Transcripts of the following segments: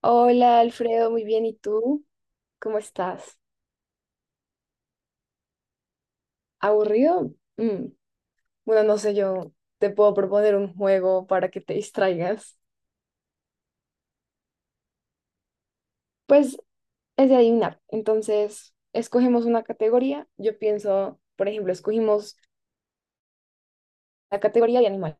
Hola Alfredo, muy bien. ¿Y tú? ¿Cómo estás? ¿Aburrido? Mm, bueno, no sé, yo te puedo proponer un juego para que te distraigas. Pues es de adivinar. Entonces, escogemos una categoría. Yo pienso, por ejemplo, escogimos la categoría de animal.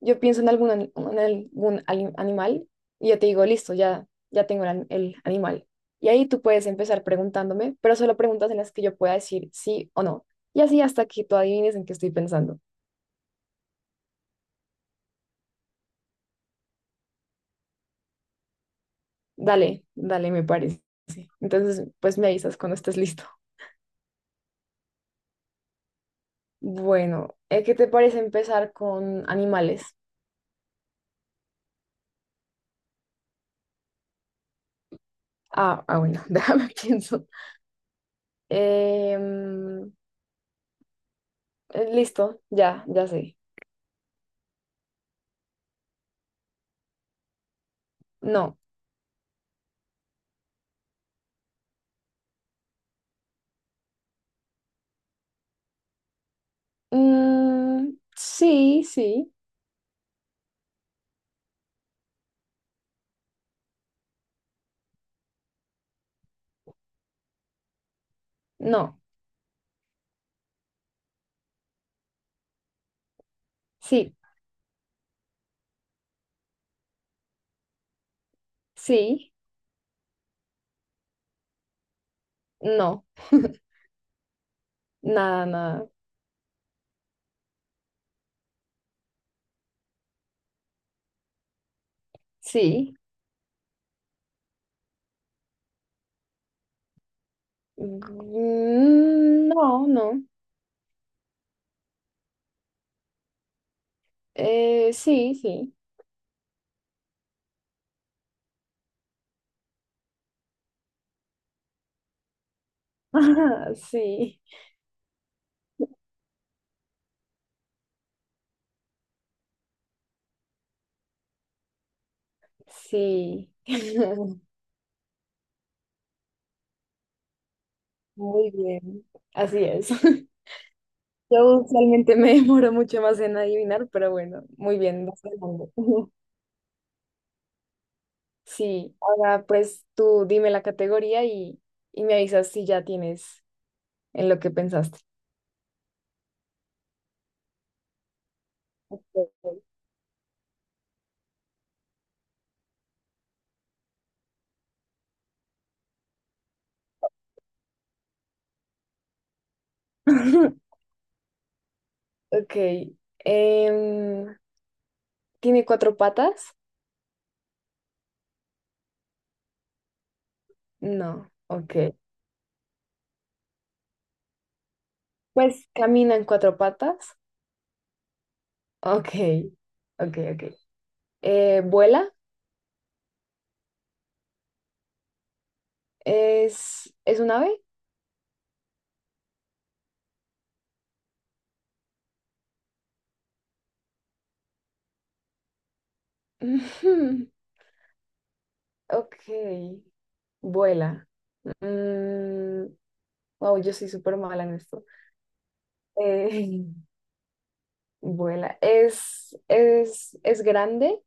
Yo pienso en algún, animal y yo te digo, listo, ya tengo el animal. Y ahí tú puedes empezar preguntándome, pero solo preguntas en las que yo pueda decir sí o no. Y así hasta que tú adivines en qué estoy pensando. Dale, dale, me parece. Entonces, pues me avisas cuando estés listo. Bueno, ¿qué te parece empezar con animales? Ah, ah, bueno, déjame pienso. Em, Listo, ya sé. No. Mm, sí, sí. No. Sí, sí. No. Nada, nada. Sí. Mm, no, no. Sí, sí. Sí, sí. Muy bien, así es. Yo usualmente me demoro mucho más en adivinar, pero bueno, muy bien, vas ganando. Sí, ahora pues tú dime la categoría y me avisas si ya tienes en lo que pensaste. Ok, ok, em, ¿tiene cuatro patas? No, ok. Pues camina en cuatro patas. Ok, ok, ok. ¿Vuela? ¿Es un ave? Ok, vuela. Mm, wow, yo soy súper mala en esto. Eh, vuela. ¿Es grande?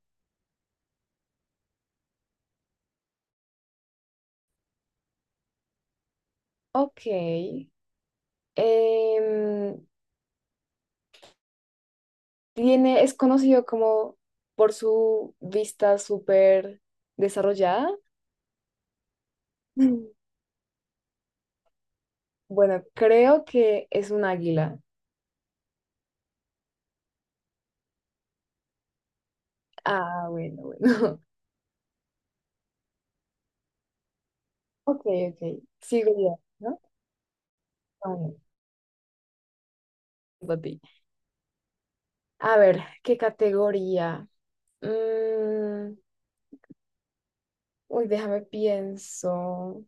Ok. Em, Tiene, es conocido como por su vista súper desarrollada. Mm. Bueno, creo que es un águila. Ah, bueno, bueno. Ok, ok. Sigo yo, ¿no? Ah, bueno, a ti. A ver, ¿qué categoría? Mm, uy, déjame pienso.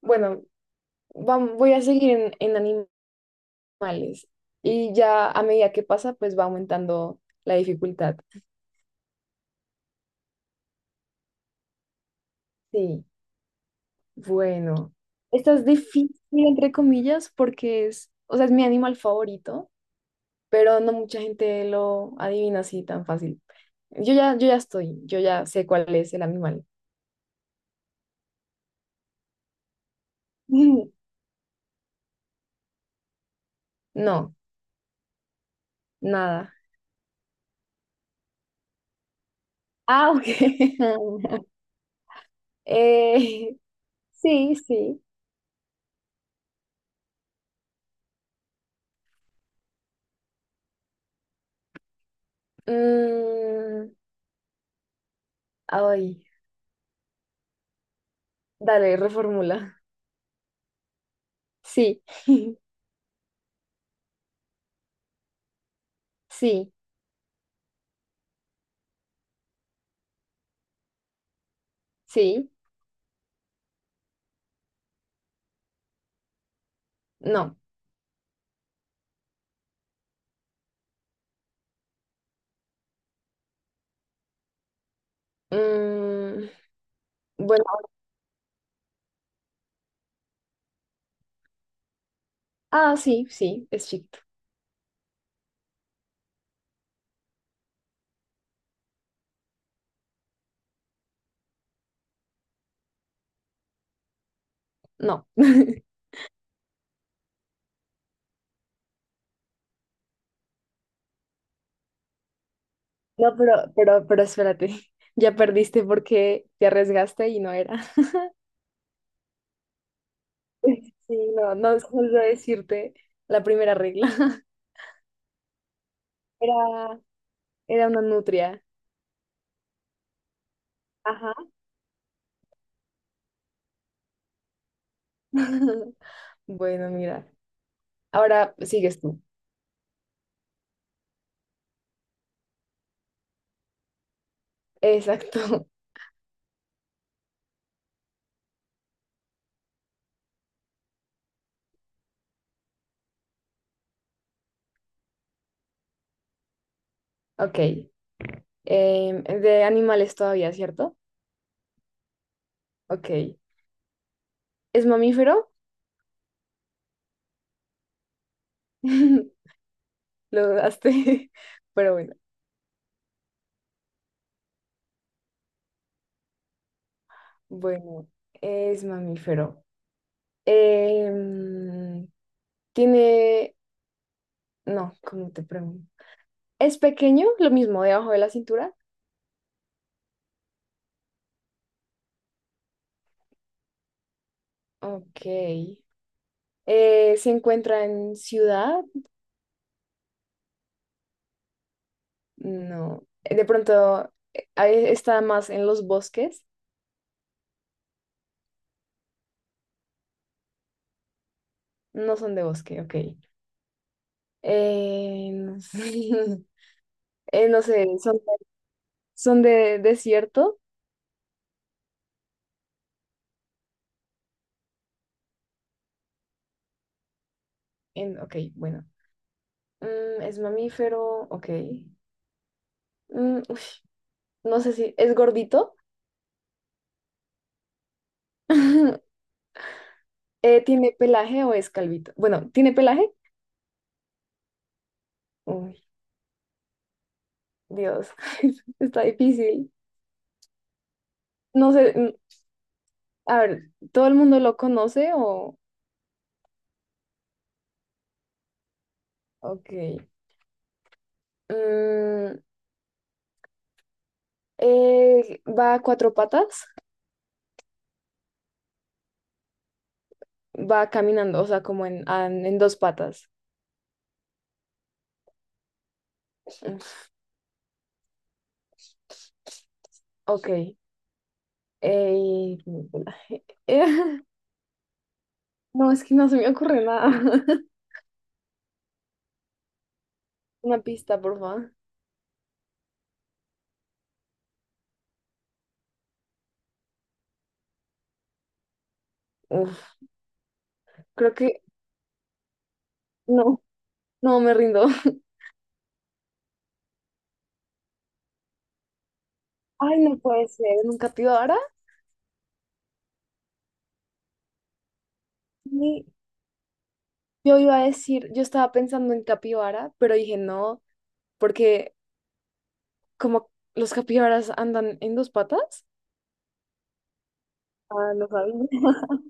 Bueno, voy a seguir en animales. Y ya a medida que pasa, pues va aumentando la dificultad. Sí, bueno. Esta es difícil, entre comillas, porque es, o sea, es mi animal favorito, pero no mucha gente lo adivina así tan fácil. Yo ya sé cuál es el animal. No, nada. Ah, ok. Eh, sí, sí. Mm, ay, dale, reformula. Sí, sí, sí, no. Mm, bueno, ah, sí, sí, es chiquito. No. No, pero espérate. Ya perdiste porque te arriesgaste y no era. Sí, no, no solo decirte la primera regla. Era, era una nutria. Ajá. Bueno, mira. Ahora sigues tú. Exacto. Ok. De animales todavía, ¿cierto? Ok. ¿Es mamífero? Lo dudaste, pero bueno. Bueno, es mamífero. Em, Tiene... No, ¿cómo te pregunto? ¿Es pequeño? Lo mismo, debajo de la cintura. Ok. ¿Se encuentra en ciudad? No. De pronto, ahí está más en los bosques. No son de bosque, ok. No sé, eh, no sé, son, son de desierto. En, ok, bueno. Mm, es mamífero, ok. Mm, uy, no sé si es gordito. ¿Tiene pelaje o es calvito? Bueno, ¿tiene pelaje? Uy, Dios, está difícil. No sé, mm, a ver, ¿todo el mundo lo conoce o...? Ok. Mm, ¿va a cuatro patas? Va caminando, o sea, como en dos patas. Ok. ¿Tiene pelaje? No, es que no se me ocurre nada. Una pista, por favor. Creo que no, no me rindo. Ay, no puede ser, ¿en un capibara? Sí, yo iba a decir, yo estaba pensando en capibara, pero dije no, porque como los capibaras andan en dos patas. Ah, no sabía,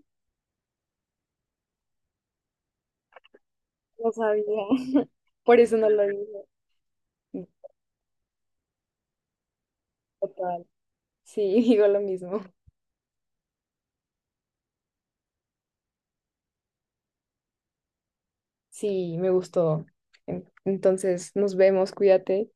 no sabía. Por eso no lo dije. Total. Sí, digo lo mismo. Sí, me gustó. Entonces, nos vemos, cuídate.